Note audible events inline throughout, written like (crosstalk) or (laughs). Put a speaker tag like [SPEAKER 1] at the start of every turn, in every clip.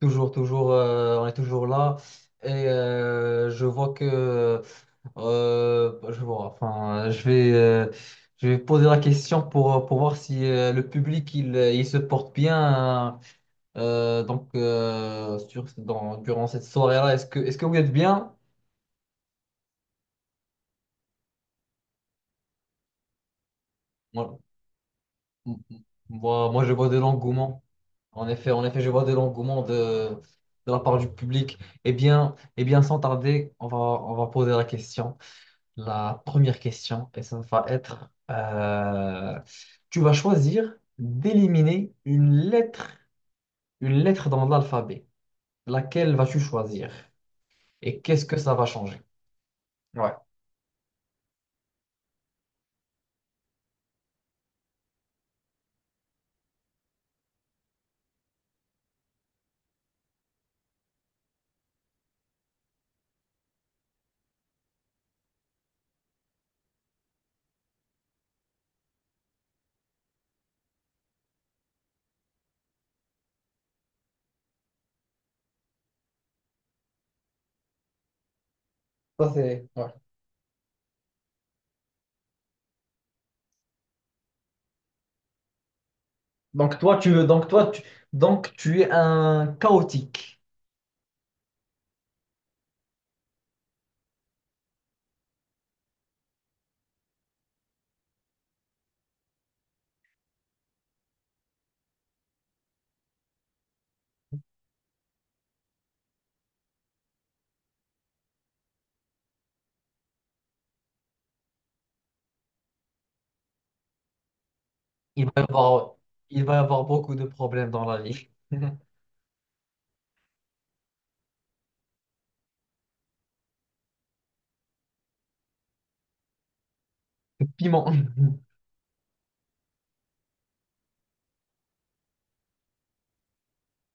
[SPEAKER 1] Toujours, toujours, on est toujours là. Et je vois je vois, enfin, je vais poser la question pour voir si le public, il se porte bien, hein. Durant cette soirée-là. Est-ce que vous êtes bien? Moi, Moi, je vois de l'engouement. En effet, je vois de l'engouement de la part du public. Eh bien, sans tarder, on va poser la question. La première question, et ça va être, tu vas choisir d'éliminer une lettre dans l'alphabet. Laquelle vas-tu choisir? Et qu'est-ce que ça va changer? Ouais, ça c'est. Ouais. Donc toi, tu veux. Donc tu es un chaotique. Il va y avoir, il va y avoir beaucoup de problèmes dans la vie. (laughs) Piment.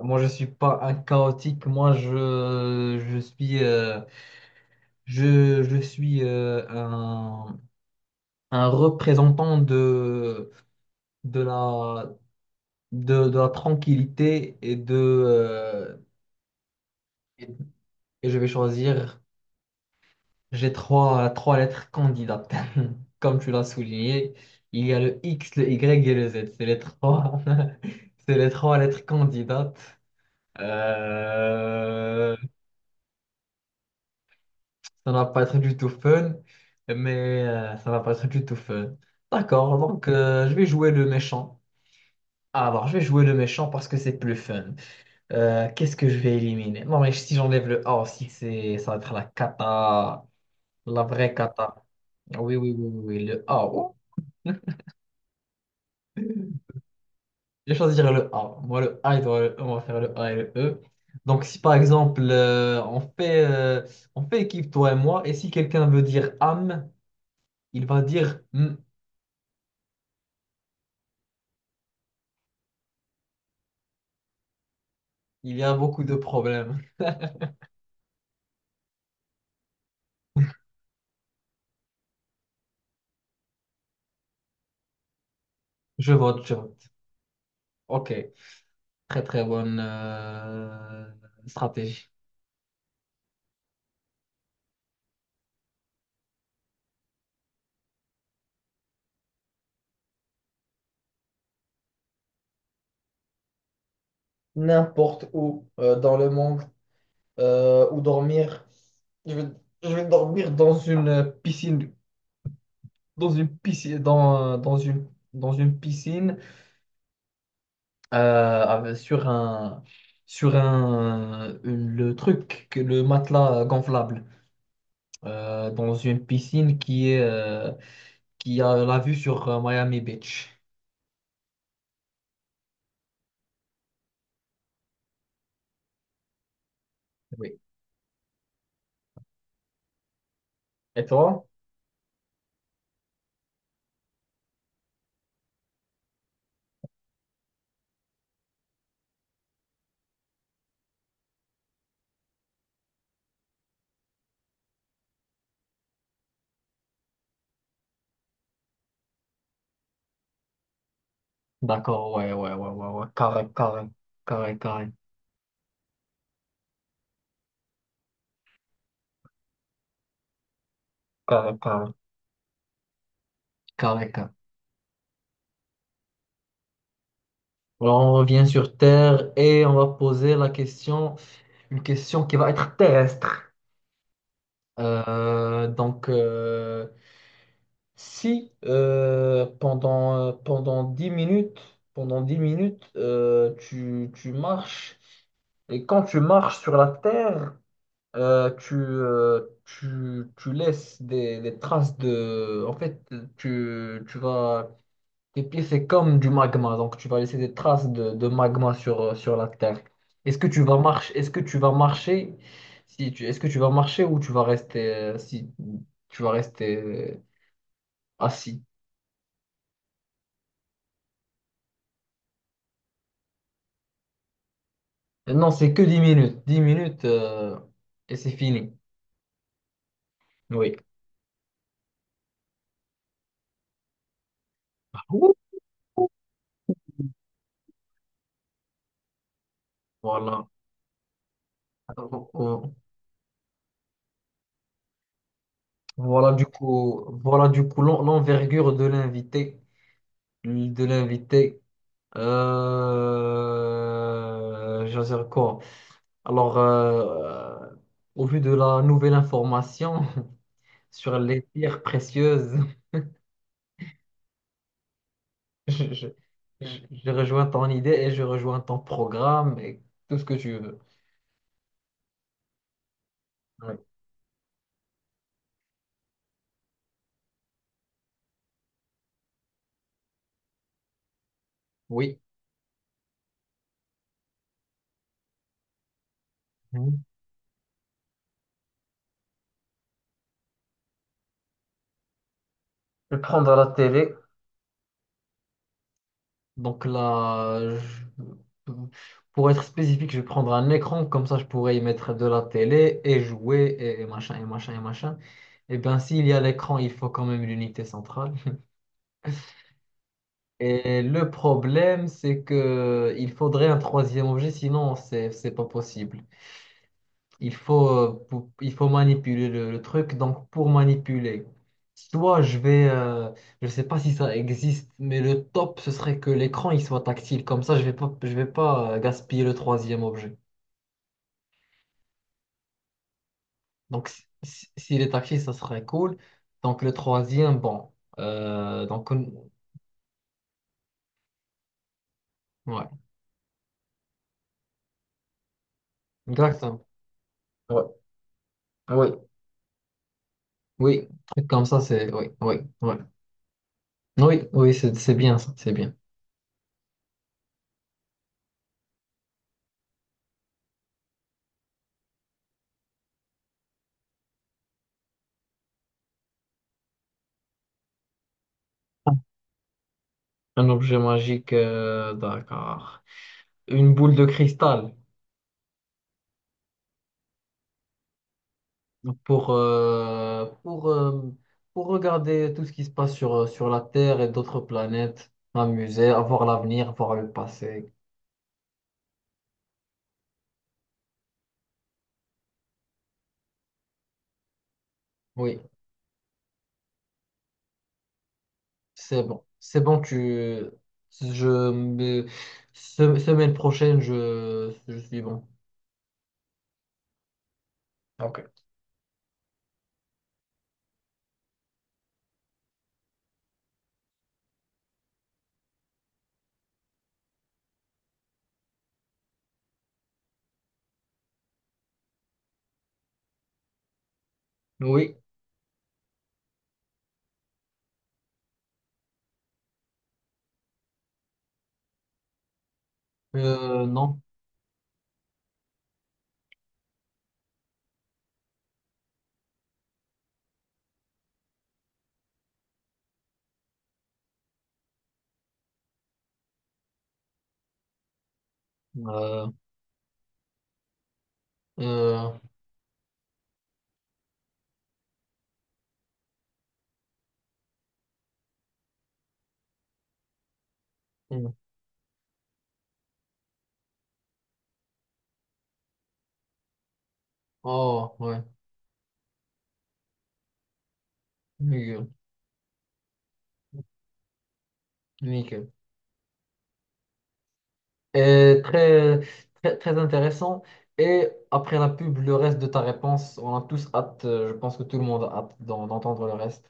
[SPEAKER 1] Moi, je suis pas un chaotique. Moi, je suis, je suis un représentant de la, de la tranquillité et et je vais choisir. J'ai trois lettres candidates. (laughs) Comme tu l'as souligné, il y a le X, le Y et le Z. C'est les trois, (laughs) c'est les trois lettres candidates. Euh, Ça va pas être du tout fun, mais ça va pas être du tout fun. D'accord, donc je vais jouer le méchant. Alors, je vais jouer le méchant parce que c'est plus fun. Qu'est-ce que je vais éliminer? Non, mais si j'enlève le A aussi, ça va être la cata, la vraie cata. Oui, oui, oui, oui, oui, le A. Oh, je vais choisir le A. Moi, le A, on va faire le A et le E. Donc, si par exemple, on fait équipe, toi et moi, et si quelqu'un veut dire âme, il va dire hmm, il y a beaucoup de problèmes. Je vote, je vote. Ok, très très bonne stratégie. N'importe où dans le monde, où dormir. Je vais, je vais dormir dans une piscine, dans une piscine, dans une piscine, euh, avec- sur un, le matelas gonflable, dans une piscine qui est, qui a la vue sur Miami Beach. Oui. Et toi? D'accord, ouais, ouais, ouais, ouais, ouais, carré, carré, carré, carré, carré, carré, carré, carré. Alors on revient sur Terre et on va poser la question, une question qui va être terrestre. Euh, donc, euh, Si pendant 10 minutes, pendant 10 minutes tu marches, et quand tu marches sur la terre, tu laisses des traces de... En fait, tu vas, tes pieds, c'est comme du magma, donc tu vas laisser des traces de magma sur, sur la terre. Est-ce que tu vas marcher, est-ce que tu vas marcher, si tu, est-ce que tu vas marcher ou tu vas rester, si tu vas rester assis? Non, c'est que 10 minutes. Dix minutes et c'est fini. Oui, ah bon, voilà. Euh, voilà du coup l'envergure de l'invité, de l'invité. Je veux dire quoi? Alors, au vu de la nouvelle information (laughs) sur les pierres précieuses, (laughs) je, je- je rejoins ton idée et je rejoins ton programme et tout ce que tu veux. Ouais. Oui. Mhm. Je vais prendre la télé. Donc là, je- pour être spécifique, je vais prendre un écran, comme ça je pourrais y mettre de la télé et jouer, et machin et machin et machin. Et bien, s'il y a l'écran, il faut quand même l'unité centrale. Et le problème, c'est que il faudrait un troisième objet, sinon c'est pas possible. Il faut il faut manipuler le truc. Donc pour manipuler, soit je vais, je sais pas si ça existe, mais le top ce serait que l'écran il soit tactile. Comme ça, je vais pas gaspiller le troisième objet. Donc s'il est tactile, ça serait cool. Donc le troisième, bon, Euh, donc on- ouais, exactement. Ouais. Oui, oui, truc comme ça, c'est oui, oui, oui. Oui, oui, c'est bien ça, c'est bien. Un objet magique, d'accord. Une boule de cristal pour, euh, pour, euh, pour regarder tout ce qui se passe sur, sur la Terre et d'autres planètes, m'amuser, avoir l'avenir, voir le passé. Oui, c'est bon. C'est bon, tu... Je me- Semaine prochaine, je suis bon. Ok. Oui, non. Euh, euh, hmm. Oh, ouais. Nickel. Nickel. Et très, très, très intéressant. Et après la pub, le reste de ta réponse, on a tous hâte, je pense que tout le monde a hâte d'entendre le reste.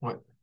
[SPEAKER 1] Ouais.